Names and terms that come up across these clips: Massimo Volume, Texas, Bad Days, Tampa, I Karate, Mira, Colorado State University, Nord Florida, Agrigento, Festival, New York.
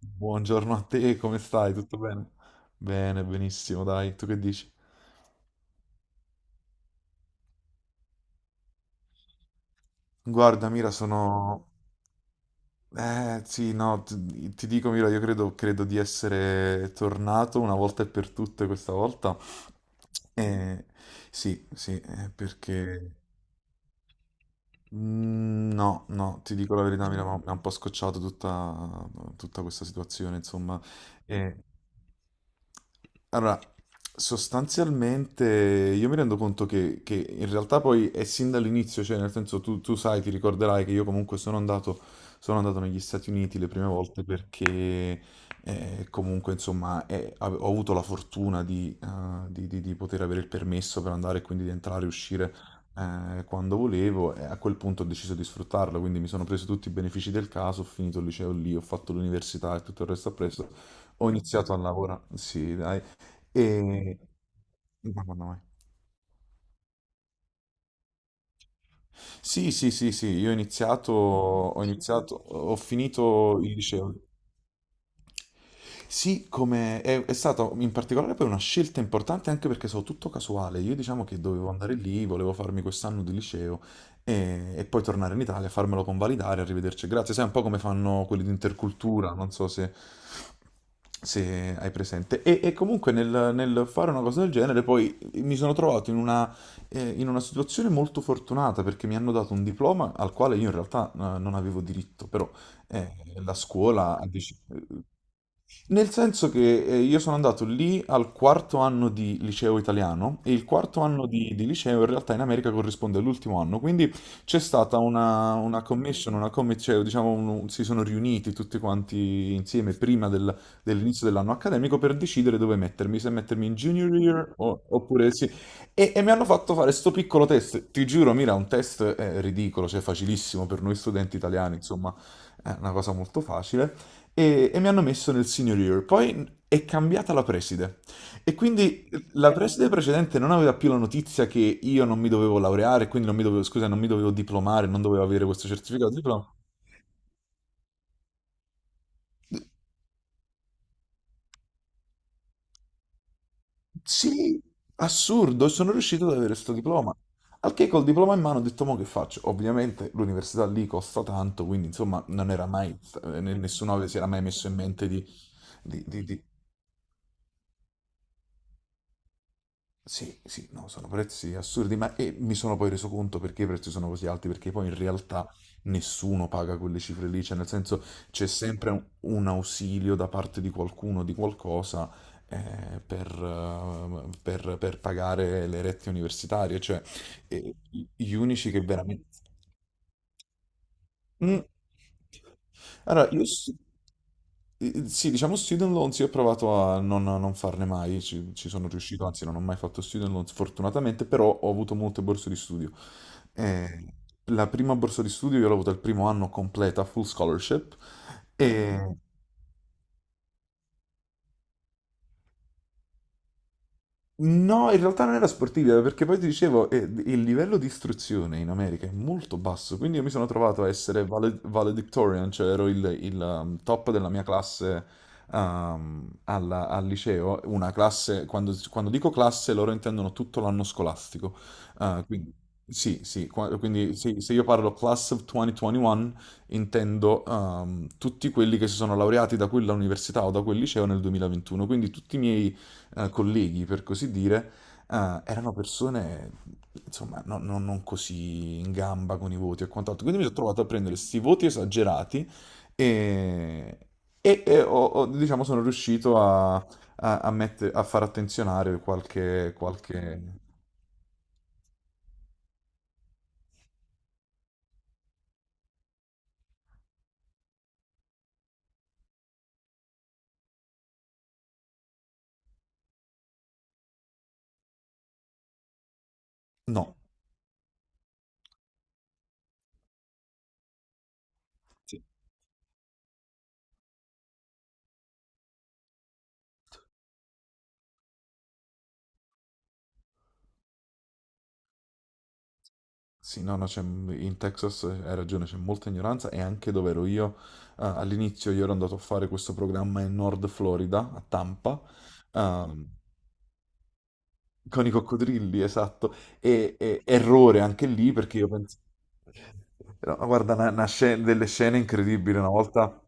Buongiorno a te, come stai? Tutto bene? Bene, benissimo, dai, tu che dici? Guarda, Mira, sono. Sì, no, ti dico, Mira, io credo, credo di essere tornato una volta e per tutte questa volta. Eh, sì, sì, perché. Mm, no, no, ti dico la verità, mi ha un po' scocciato tutta questa situazione, insomma. E- Allora, sostanzialmente io mi rendo conto che in realtà poi è sin dall'inizio, cioè nel senso tu sai, ti ricorderai che io comunque sono andato negli Stati Uniti le prime volte perché comunque insomma ho avuto la fortuna di, di poter avere il permesso per andare e quindi di entrare e uscire quando volevo, e a quel punto ho deciso di sfruttarlo, quindi mi sono preso tutti i benefici del caso, ho finito il liceo lì, ho fatto l'università e tutto il resto appresso, ho iniziato a lavorare, sì, dai, e... Madonna, mai. Sì, sì, sì, sì, io ho iniziato, ho finito il liceo. Sì, come è stata in particolare poi una scelta importante, anche perché so tutto casuale. Io diciamo che dovevo andare lì, volevo farmi quest'anno di liceo e poi tornare in Italia, farmelo convalidare, arrivederci e grazie. Sai un po' come fanno quelli di intercultura, non so se hai presente. E comunque nel fare una cosa del genere poi mi sono trovato in una situazione molto fortunata, perché mi hanno dato un diploma al quale io in realtà non avevo diritto, però eh, la scuola ha deciso. Nel senso che io sono andato lì al quarto anno di liceo italiano e il quarto anno di liceo in realtà in America corrisponde all'ultimo anno, quindi c'è stata una, cioè, diciamo, si sono riuniti tutti quanti insieme prima dell'inizio dell'anno accademico per decidere dove mettermi, se mettermi in junior year oppure sì. E mi hanno fatto fare sto piccolo test, ti giuro, Mira, un test ridicolo, cioè facilissimo per noi studenti italiani, insomma, è una cosa molto facile. E mi hanno messo nel senior year. Poi è cambiata la preside, e quindi la preside precedente non aveva più la notizia che io non mi dovevo laureare, quindi non mi dovevo, scusa, non mi dovevo diplomare, non dovevo avere questo certificato di diploma. Sì, assurdo, sono riuscito ad avere questo diploma. Al che col diploma in mano ho detto, ma che faccio? Ovviamente l'università lì costa tanto, quindi insomma non era mai, nessuno si era mai messo in mente di. Sì, sì, no, sono prezzi assurdi, ma e mi sono poi reso conto perché i prezzi sono così alti, perché poi in realtà nessuno paga quelle cifre lì, cioè nel senso c'è sempre un ausilio da parte di qualcuno, di qualcosa, per pagare le rette universitarie, cioè eh, gli unici che veramente. Mm. Allora, sì, diciamo student loans, io ho provato a non farne mai, ci sono riuscito, anzi non ho mai fatto student loans fortunatamente, però ho avuto molte borse di studio. Eh, la prima borsa di studio io l'ho avuta il primo anno completa, full scholarship. Mm. No, in realtà non era sportiva, perché poi ti dicevo, il livello di istruzione in America è molto basso, quindi io mi sono trovato a essere valedictorian, cioè ero il top della mia classe al liceo, una classe, quando, quando dico classe loro intendono tutto l'anno scolastico. Quindi sì, sì, quindi sì, se io parlo class of 2021 intendo tutti quelli che si sono laureati da quella università o da quel liceo nel 2021, quindi tutti i miei colleghi, per così dire, erano persone, insomma, non così in gamba con i voti e quant'altro. Quindi mi sono trovato a prendere questi voti esagerati e, e diciamo, sono riuscito a a far attenzionare qualche, qualche. No. Sì, sì, no, no, in Texas hai ragione, c'è molta ignoranza. E anche dove ero io, all'inizio io ero andato a fare questo programma in Nord Florida, a Tampa. ehm, Con i coccodrilli, esatto. Errore anche lì, perché io penso. No, guarda, delle scene incredibili. Una volta,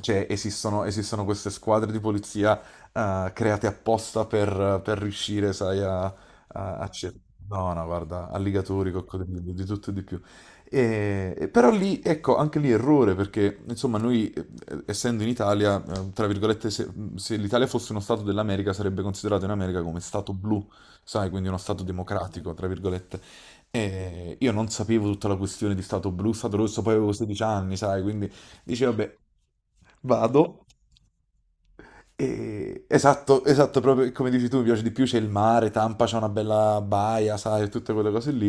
cioè, esistono, esistono queste squadre di polizia create apposta per riuscire, sai. No, no, guarda, alligatori, coccodrilli, di tutto e di più. E però lì, ecco, anche lì errore, perché insomma noi, essendo in Italia, tra virgolette, se l'Italia fosse uno stato dell'America, sarebbe considerato in America come stato blu, sai, quindi uno Stato democratico, tra virgolette. E io non sapevo tutta la questione di Stato blu, Stato rosso, poi avevo 16 anni, sai, quindi dicevo, vabbè, vado. Esatto, esatto, proprio come dici tu, mi piace di più, c'è il mare, Tampa c'è una bella baia, sai, tutte quelle cose lì.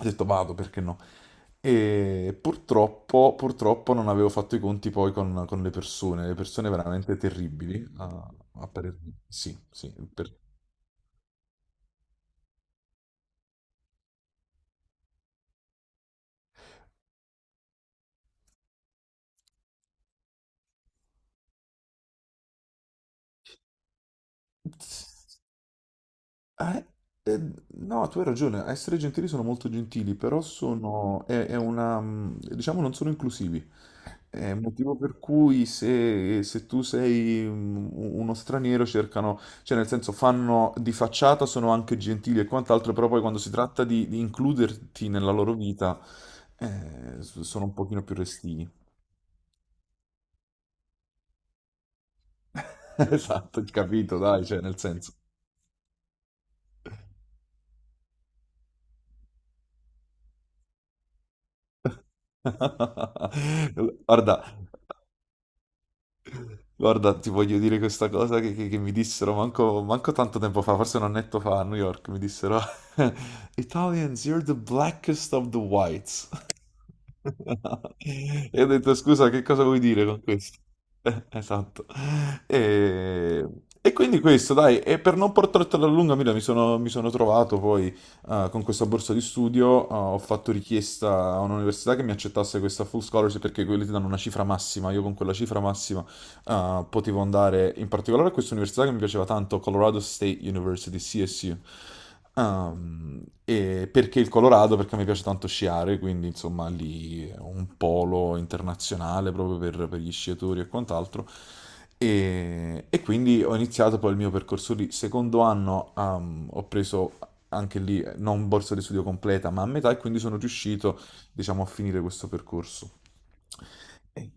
Ho detto vado, perché no? E purtroppo, purtroppo non avevo fatto i conti poi con le persone veramente terribili, a parer mio. Sì, sì. Ah, eh, no, tu hai ragione, a essere gentili sono molto gentili, però è una, diciamo, non sono inclusivi. È il motivo per cui se tu sei uno straniero cercano, cioè nel senso fanno di facciata, sono anche gentili e quant'altro, però poi quando si tratta di includerti nella loro vita, sono un pochino più restii. Esatto, capito, dai, cioè nel senso. Guarda. Guarda, ti voglio dire questa cosa che mi dissero manco, manco tanto tempo fa, forse un annetto fa a New York, mi dissero Italians, you're the blackest of the whites. E ho detto, scusa, che cosa vuoi dire con questo? Esatto. E, e quindi questo, dai, e per non portartela a lunga, Mira, mi sono trovato poi con questa borsa di studio, ho fatto richiesta a un'università che mi accettasse questa full scholarship, perché quelli ti danno una cifra massima, io con quella cifra massima potevo andare in particolare a questa università che mi piaceva tanto, Colorado State University, CSU. E perché il Colorado? Perché mi piace tanto sciare, quindi insomma lì è un polo internazionale proprio per gli sciatori e quant'altro. E quindi ho iniziato poi il mio percorso lì. Secondo anno ho preso anche lì non borsa di studio completa, ma a metà, e quindi sono riuscito, diciamo, a finire questo percorso. Ehi.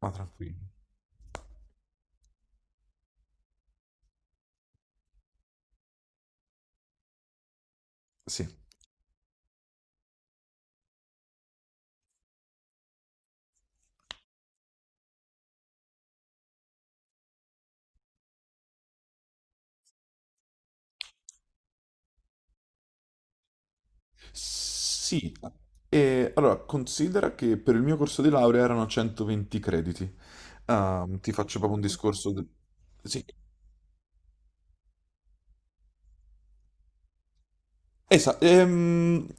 Ma tranquillo. Sì. Sì, e allora considera che per il mio corso di laurea erano 120 crediti. Ti faccio proprio un discorso. Sì, esatto.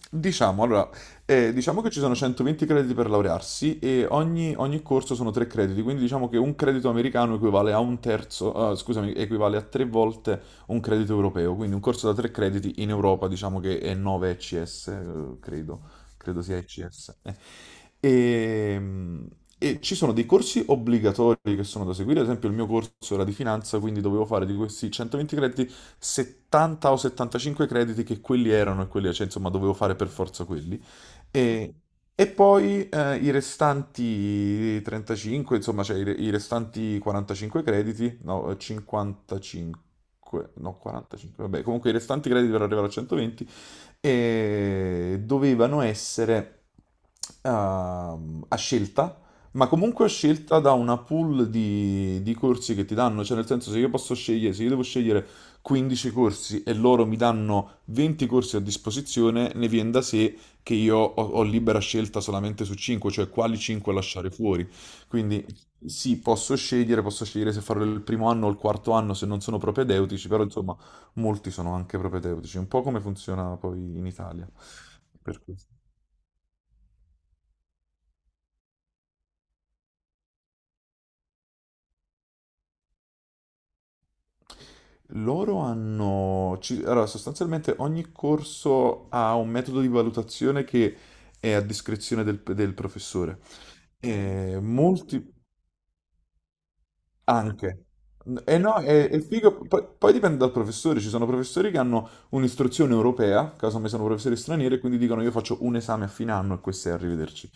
Diciamo, allora, diciamo che ci sono 120 crediti per laurearsi, e ogni corso sono 3 crediti, quindi diciamo che un credito americano equivale a un terzo, scusami, equivale a 3 volte un credito europeo, quindi un corso da 3 crediti in Europa diciamo che è 9 ECS, credo. Credo sia ICS. E, e ci sono dei corsi obbligatori che sono da seguire, ad esempio il mio corso era di finanza, quindi dovevo fare di questi 120 crediti 70 o 75 crediti, che quelli erano, e quelli, cioè insomma dovevo fare per forza quelli. E, e poi i restanti 35, insomma, cioè i restanti 45 crediti, no, 55, no, 45, vabbè, comunque i restanti crediti per arrivare a 120 e dovevano essere a scelta, ma comunque a scelta da una pool di corsi che ti danno, cioè nel senso se io posso scegliere, se io devo scegliere 15 corsi e loro mi danno 20 corsi a disposizione, ne viene da sé che io ho libera scelta solamente su 5, cioè quali 5 lasciare fuori. Quindi sì, posso scegliere se farlo il primo anno o il quarto anno se non sono propedeutici, però insomma. Molti sono anche propedeutici, un po' come funziona poi in Italia. Per cui- Allora, sostanzialmente ogni corso ha un metodo di valutazione che è a discrezione del professore. E molti... Anche. E no, è figo, poi, poi dipende dal professore, ci sono professori che hanno un'istruzione europea, caso me sono professori stranieri, e quindi dicono io faccio un esame a fine anno e questo è arrivederci.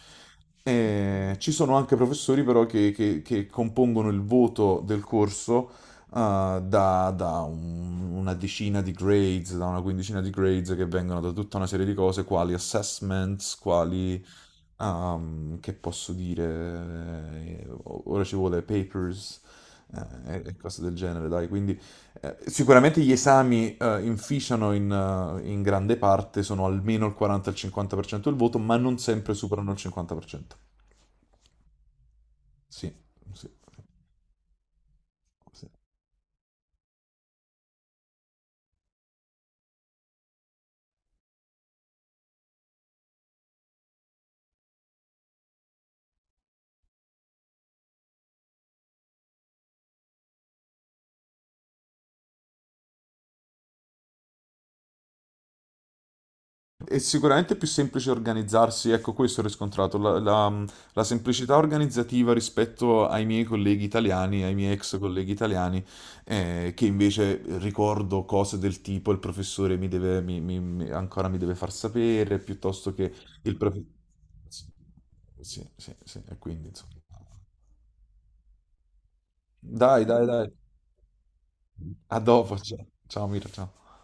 E ci sono anche professori però che compongono il voto del corso da una decina di grades, da una quindicina di grades che vengono da tutta una serie di cose, quali assessments, quali. Ah, che posso dire? Ora ci vuole papers e cose del genere, dai. Quindi sicuramente gli esami inficiano in grande parte, sono almeno il 40-50% del voto, ma non sempre superano il 50%. Sì, sì, sì. È sicuramente più semplice organizzarsi, ecco questo ho riscontrato, la semplicità organizzativa rispetto ai miei colleghi italiani, ai miei ex colleghi italiani, che invece ricordo cose del tipo il professore mi deve, mi- mi- mi- ancora mi deve far sapere, piuttosto che il professore. Sì, sì, sì, sì, e quindi insomma. Dai, dai, dai. A dopo, ciao, ciao Mira, ciao.